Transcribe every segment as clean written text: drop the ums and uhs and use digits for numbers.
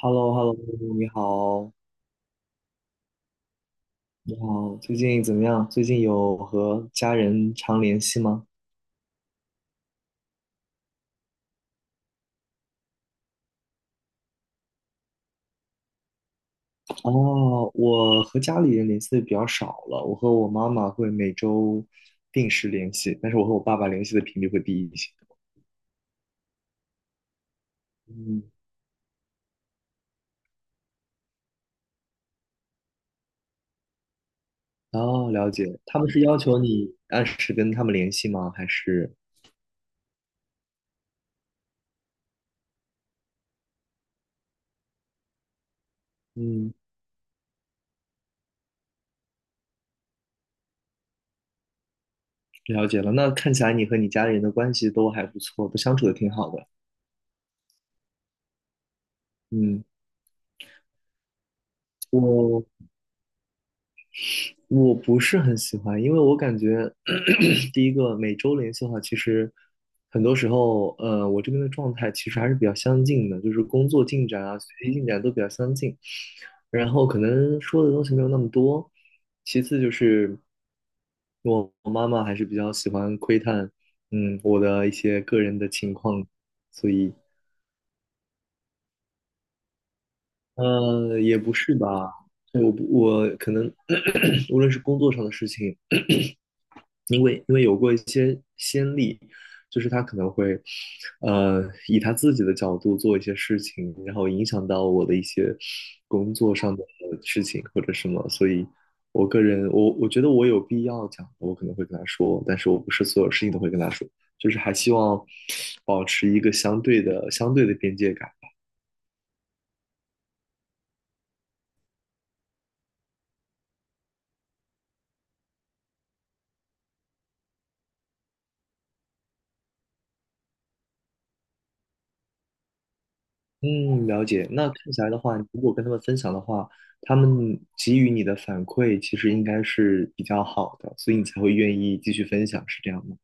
h e l l o h e l l o 你好，你好，最近怎么样？最近有和家人常联系吗？哦，我和家里人联系的比较少了，我和我妈妈会每周定时联系，但是我和我爸爸联系的频率会低一些。嗯，哦，了解，他们是要求你按时跟他们联系吗？还是，嗯，了解了，那看起来你和你家里人的关系都还不错，都相处的挺好的。嗯，我。我不是很喜欢，因为我感觉 第一个每周联系的话，其实很多时候，我这边的状态其实还是比较相近的，就是工作进展啊、学习进展都比较相近，然后可能说的东西没有那么多。其次就是我妈妈还是比较喜欢窥探，嗯，我的一些个人的情况，所以。也不是吧，对，我可能 无论是工作上的事情，因为有过一些先例，就是他可能会，呃，以他自己的角度做一些事情，然后影响到我的一些工作上的事情或者什么，所以我个人，我觉得我有必要讲，我可能会跟他说，但是我不是所有事情都会跟他说，就是还希望保持一个相对的边界感。嗯，了解。那看起来的话，如果跟他们分享的话，他们给予你的反馈其实应该是比较好的，所以你才会愿意继续分享，是这样吗？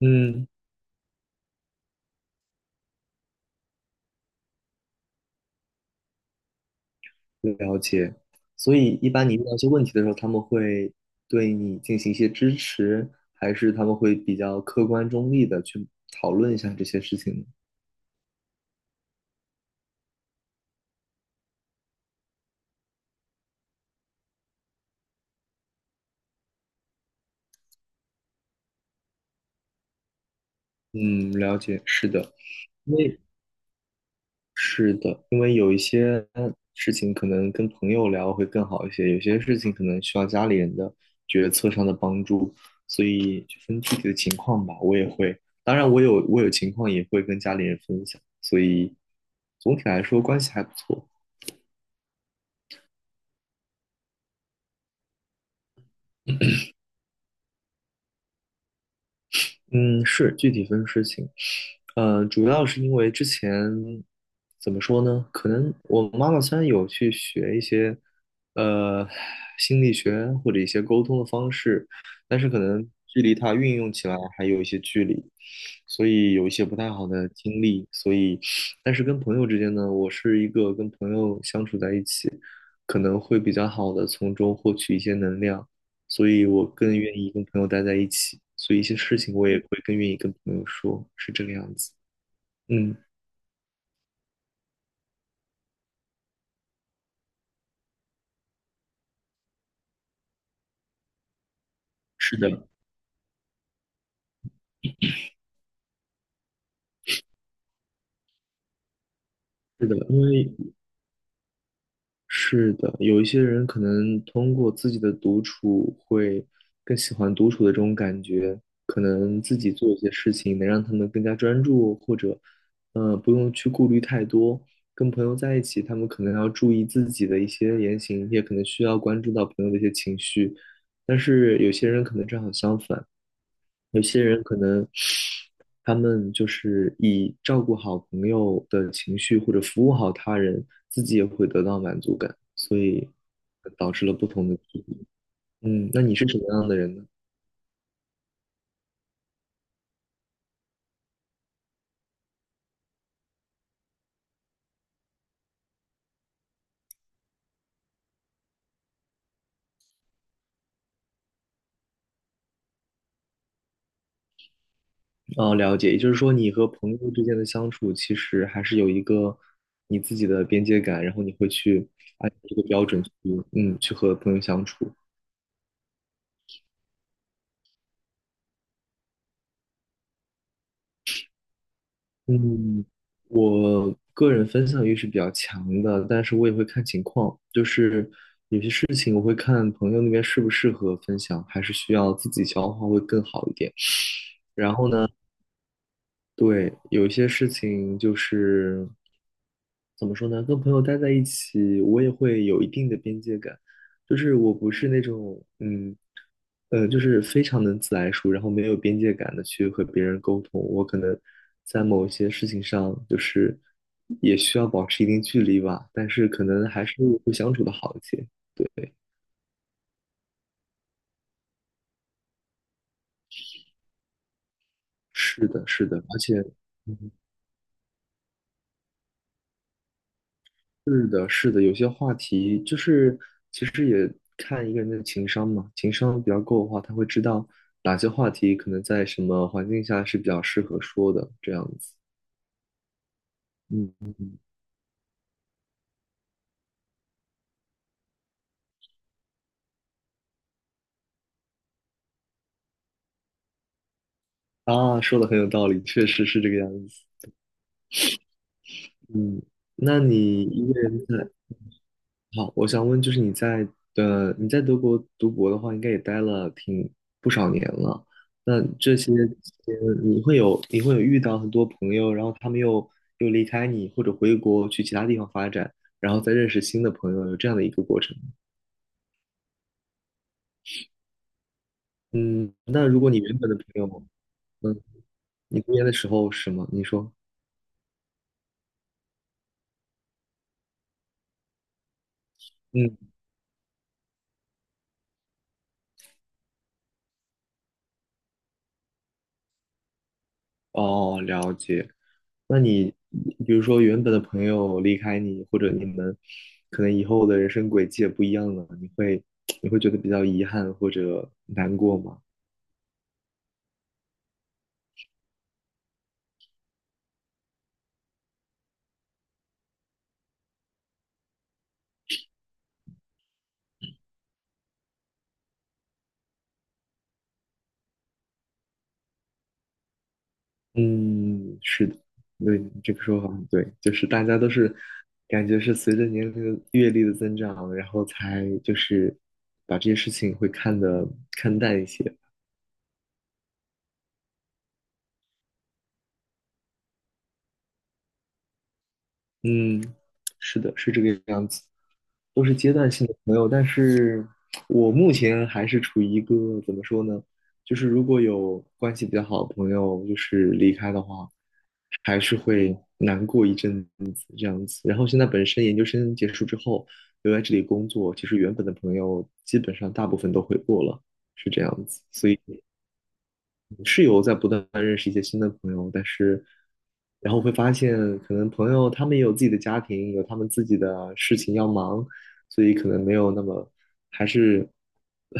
嗯，了解。所以一般你遇到一些问题的时候，他们会对你进行一些支持，还是他们会比较客观中立的去讨论一下这些事情呢？嗯，了解，是的。因为是的，因为有一些事情可能跟朋友聊会更好一些，有些事情可能需要家里人的决策上的帮助，所以就分具体的情况吧。我也会，当然我有情况也会跟家里人分享，所以总体来说关系还不错。嗯，是具体分事情，主要是因为之前怎么说呢？可能我妈妈虽然有去学一些呃心理学或者一些沟通的方式，但是可能距离她运用起来还有一些距离，所以有一些不太好的经历。所以，但是跟朋友之间呢，我是一个跟朋友相处在一起，可能会比较好的从中获取一些能量。所以我更愿意跟朋友待在一起，所以一些事情我也会更愿意跟朋友说，是这个样子。嗯，是的，是的，因为是的，有一些人可能通过自己的独处会更喜欢独处的这种感觉，可能自己做一些事情能让他们更加专注，或者不用去顾虑太多。跟朋友在一起，他们可能要注意自己的一些言行，也可能需要关注到朋友的一些情绪。但是有些人可能正好相反，有些人可能他们就是以照顾好朋友的情绪或者服务好他人，自己也会得到满足感，所以导致了不同的体验。嗯，那你是什么样的人呢？哦，了解，也就是说你和朋友之间的相处其实还是有一个你自己的边界感，然后你会去按照这个标准去，嗯，去和朋友相处。嗯，我个人分享欲是比较强的，但是我也会看情况，就是事情我会看朋友那边适不适合分享，还是需要自己消化会更好一点。然后呢，对，有一些事情就是怎么说呢，跟朋友待在一起，我也会有一定的边界感，就是我不是那种就是非常能自来熟，然后没有边界感的去和别人沟通。我可能在某一些事情上，就是也需要保持一定距离吧，但是可能还是会相处的好一些。对。是的，是的，而且，嗯是的，是的，有些话题就是其实也看一个人的情商嘛，情商比较够的话，他会知道哪些话题可能在什么环境下是比较适合说的，这样子。嗯嗯嗯。啊，说的很有道理，确实是这个样子。嗯，那你一个人在，好，我想问，就是你在德国读博的话，应该也待了挺不少年了。那这些期间你会有遇到很多朋友，然后他们又离开你，或者回国去其他地方发展，然后再认识新的朋友，有这样的一个过程吗？嗯，那如果你原本的朋友，嗯，你读研的时候是吗？你说，嗯，哦，了解。那你比如说原本的朋友离开你，或者你们可能以后的人生轨迹也不一样了，你会觉得比较遗憾或者难过吗？嗯，是的，对，你这个说法很对，就是大家都是感觉是随着年龄的阅历的增长，然后才就是把这些事情会看得看淡一些。嗯，是的，是这个样子，都是阶段性的朋友，但是我目前还是处于一个怎么说呢，就是如果有关系比较好的朋友就是离开的话，还是会难过一阵子这样子。然后现在本身研究生结束之后留在这里工作，其实原本的朋友基本上大部分都回国了，是这样子，所以。是有在不断认识一些新的朋友，但是然后会发现，可能朋友他们也有自己的家庭，有他们自己的事情要忙，所以可能没有那么，还是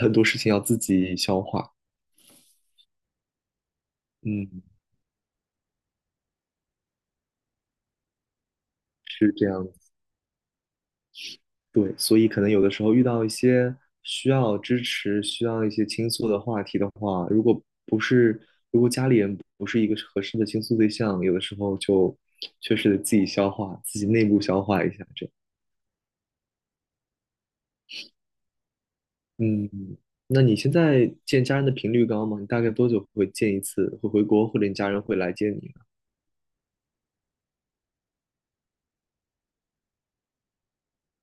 很多事情要自己消化。嗯，是这样子。对，所以可能有的时候遇到一些需要支持、需要一些倾诉的话题的话，如果不是，如果家里人不是一个合适的倾诉对象，有的时候就确实得自己消化，自己内部消化一下，这样。嗯，那你现在见家人的频率高吗？你大概多久会见一次？会回国，或者你家人会来接你呢？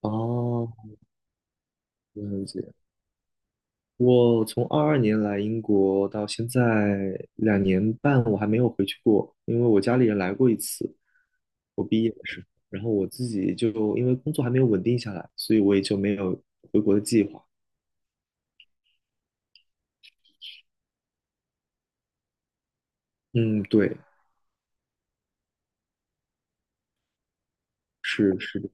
哦，了解。我从22年来英国到现在2年半，我还没有回去过，因为我家里人来过一次，我毕业的时候，然后我自己就因为工作还没有稳定下来，所以我也就没有回国的计划。嗯，对，是是的。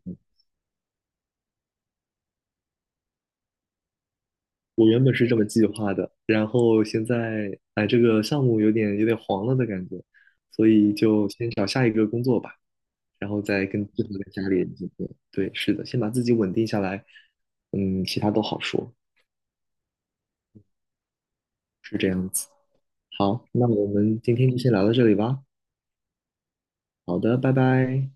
我原本是这么计划的，然后现在哎，这个项目有点黄了的感觉，所以就先找下一个工作吧，然后再跟自后跟家里人见面。对，是的，先把自己稳定下来，嗯，其他都好说。是这好，那我们今天就先聊到这里吧。好的，拜拜。